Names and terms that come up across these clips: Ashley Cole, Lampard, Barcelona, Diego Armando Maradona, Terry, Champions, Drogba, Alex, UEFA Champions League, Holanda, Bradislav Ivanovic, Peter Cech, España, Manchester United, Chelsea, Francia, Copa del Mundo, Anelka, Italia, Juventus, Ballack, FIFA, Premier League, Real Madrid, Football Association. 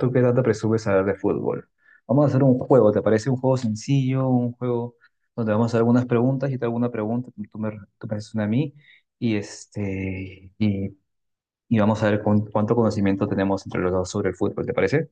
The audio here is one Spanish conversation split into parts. ¿Tú qué tanto presumes saber de fútbol? Vamos a hacer un juego, ¿te parece un juego sencillo? Un juego donde vamos a hacer algunas preguntas, yo te hago una pregunta, tú me haces una a mí, y, este, y, y vamos a ver cuánto conocimiento tenemos entre los dos sobre el fútbol, ¿te parece?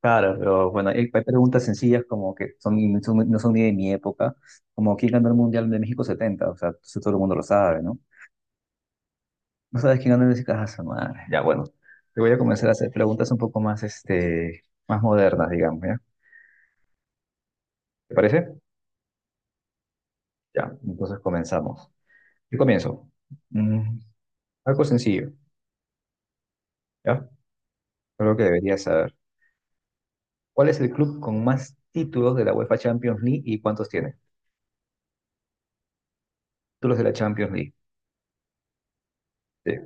Claro, pero bueno, hay preguntas sencillas como que no son ni de mi época, como quién ganó el Mundial de México 70, o sea, eso todo el mundo lo sabe, ¿no? No sabes quién ganó el México, ah, su madre. Ya, bueno, te voy a comenzar a hacer preguntas un poco más, más modernas, digamos, ¿ya? ¿Te parece? Ya, entonces comenzamos. Yo comienzo. Mm, algo sencillo, ¿ya? Creo que deberías saber. ¿Cuál es el club con más títulos de la UEFA Champions League y cuántos tiene? Títulos de la Champions League. Sí,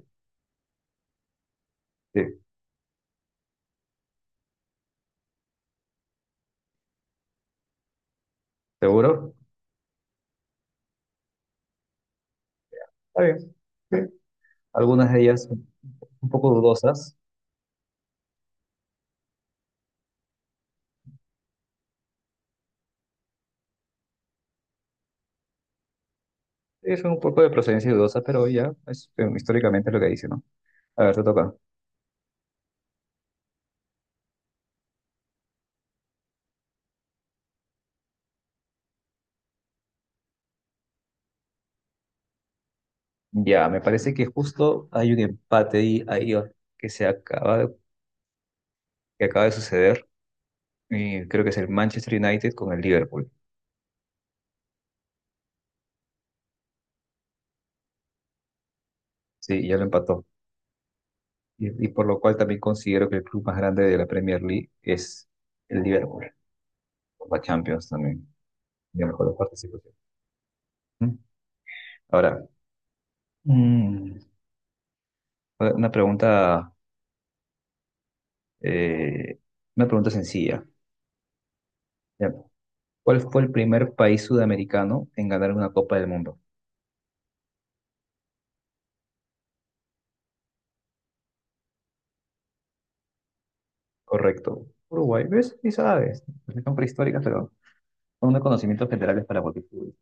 sí. ¿Seguro? Está bien. Sí. Algunas de ellas son un poco dudosas. Sí, son un poco de procedencia dudosa, pero ya es, históricamente es lo que dice, ¿no? A ver, te toca. Ya, me parece que justo hay un empate ahí, oh, que se acaba, que acaba de suceder. Y creo que es el Manchester United con el Liverpool. Sí, ya lo empató. Y por lo cual también considero que el club más grande de la Premier League es el Liverpool, o la Champions también. Yo mejor la participación. ¿Mm? Ahora, mm, una pregunta, eh, una pregunta sencilla. Ya. ¿Cuál fue el primer país sudamericano en ganar una Copa del Mundo? Correcto. Uruguay, ¿ves? ¿Y sabes. Son prehistóricas, pero son unos conocimientos generales para multitud.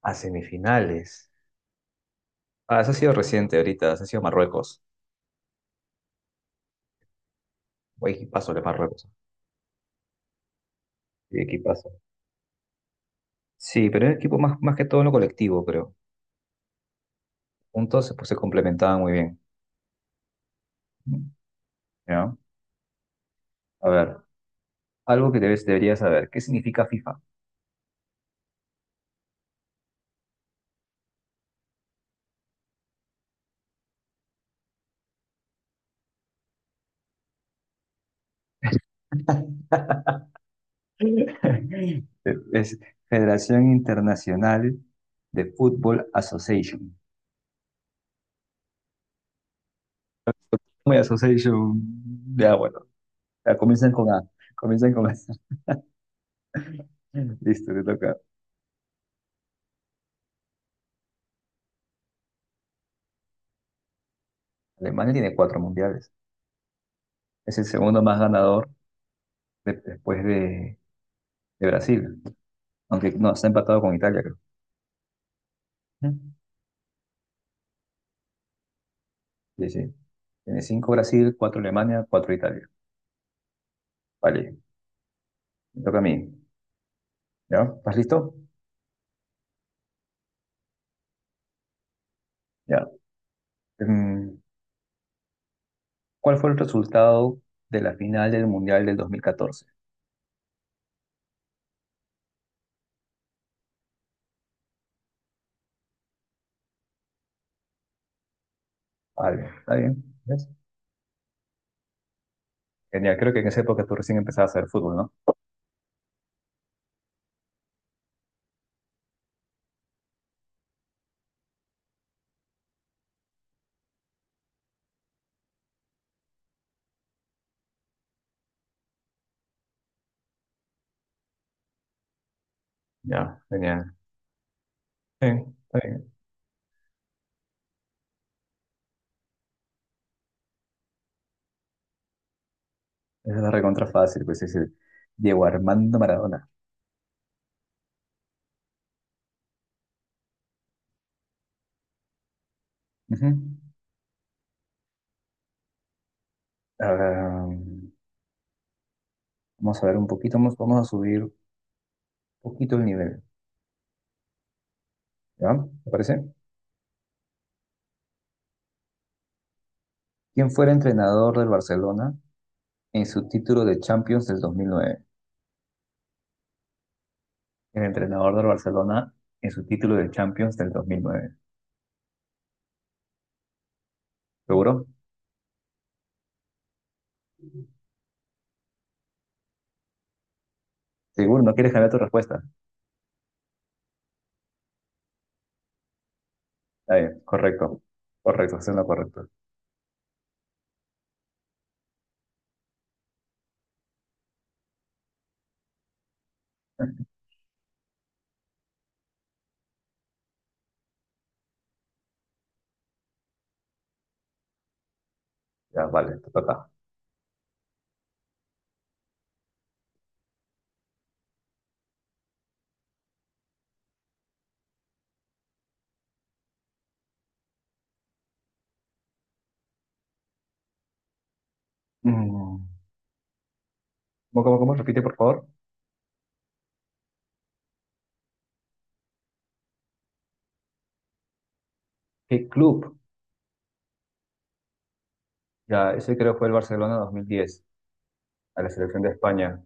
A semifinales. Ah, eso ha sido reciente ahorita, eso ha sido Marruecos. Guay, paso de Marruecos. Sí, equipazo. Sí, pero era equipo más que todo en lo colectivo, pero juntos pues, se complementaban muy bien. ¿No? A ver, algo que deberías saber. ¿Qué significa FIFA? Es Federación Internacional de Football Association. Muy association. Ya, bueno. Ya, comienzan con A. Comienzan con A. Listo, te toca. Alemania tiene cuatro mundiales. Es el segundo más ganador de- después de Brasil. Aunque no, está empatado con Italia, creo. Sí, sí. Tiene cinco Brasil, cuatro Alemania, cuatro Italia. Vale, me toca a mí. ¿Ya? ¿Estás listo? Ya. Em, ¿Cuál fue el resultado de la final del Mundial del 2014? Vale, está bien. ¿Ves? Genial, creo que en esa época tú recién empezabas a hacer fútbol, ¿no? Ya, genial. Sí, está bien. Esa es la recontra fácil, pues es el Diego Armando Maradona. Ujú. Ah, vamos a ver un poquito, vamos, vamos a subir un poquito el nivel. ¿Ya? ¿Te parece? ¿Quién fue el entrenador del Barcelona en su título de Champions del 2009? El entrenador del Barcelona en su título de Champions del 2009. ¿Seguro? Seguro, no quieres cambiar tu respuesta. Está bien, correcto. Correcto, es lo correcto. Ya, vale, te toca. Mm. ¿Cómo? Repite, por favor. ¿Qué club? Ya, ese creo fue el Barcelona 2010, a la selección de España.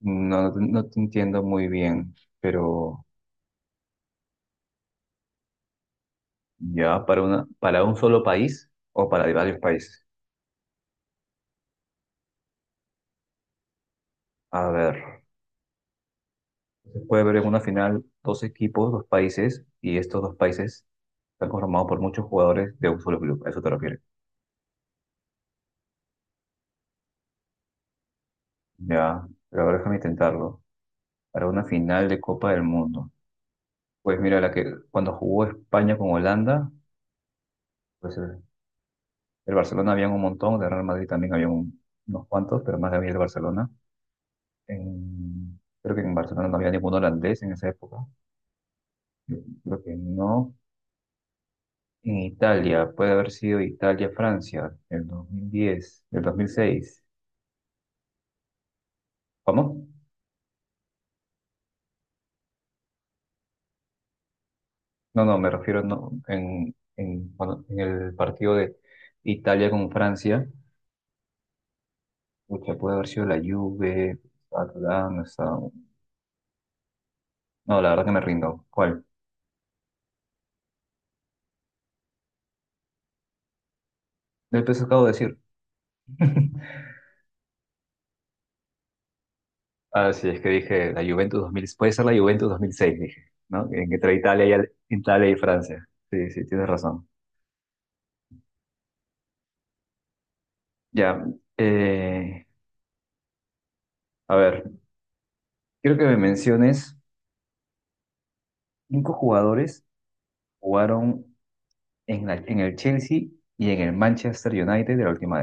No, te no te entiendo muy bien, pero ya, para una, para un solo país o para varios países. A ver. Se puede ver en una final dos equipos, dos países, y estos dos países están conformados por muchos jugadores de un solo club. ¿A eso te refieres? Ya, pero ahora déjame intentarlo. Para una final de Copa del Mundo. Pues mira, la que cuando jugó España con Holanda, pues el Barcelona había un montón, de Real Madrid también había unos cuantos, pero más había el Barcelona. Creo que en Barcelona no había ningún holandés en esa época. Yo creo que no. En Italia, puede haber sido Italia-Francia, el 2010, el 2006. ¿Cómo? No, me refiero no, en el partido de Italia con Francia. Pucha, puede haber sido la Juve, estaba estaba- no, la verdad que me rindo. ¿Cuál? Del peso acabo de decir. Ah, sí, es que dije la Juventus 2000, puede ser la Juventus 2006, dije, ¿no? Entre Italia y Italia y Francia. Sí, sí, tienes razón. Ya, eh, a ver, quiero que me menciones 5 jugadores que jugaron en el Chelsea y en el Manchester United de la última.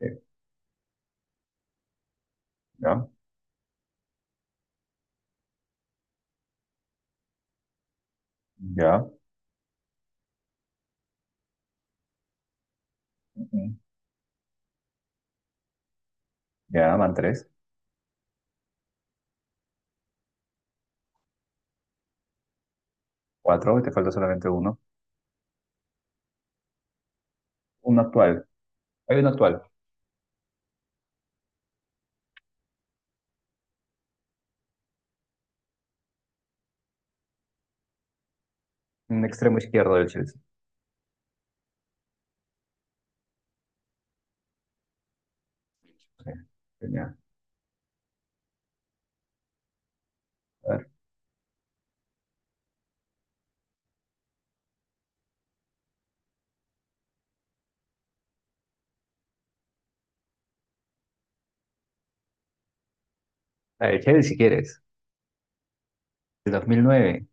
Eh, Ya, ya, ujú, ya, van tres, cuatro, y te falta solamente uno. Uno actual, hay uno actual, un extremo izquierdo del Chelsea. Sí, genial. A ver, la del Chelsea si quieres, de 2009.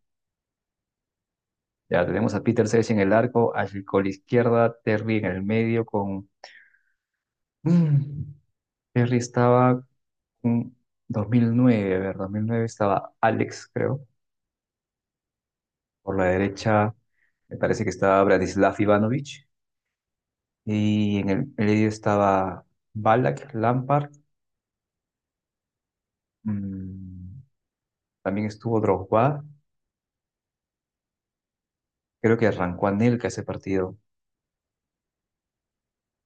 Ya tenemos a Peter Cech en el arco, Ashley Cole izquierda, Terry en el medio con... Mm, Terry estaba en 2009, a ver, 2009 estaba Alex, creo. Por la derecha me parece que estaba Bradislav Ivanovic. Y en el medio estaba Ballack, Lampard, mm, también estuvo Drogba, creo que arrancó Anelka ese partido.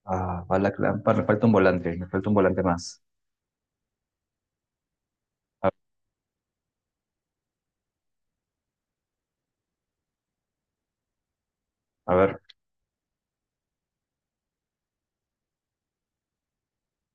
Ah, Ballack, Lampard, me falta un volante más. A, a ver,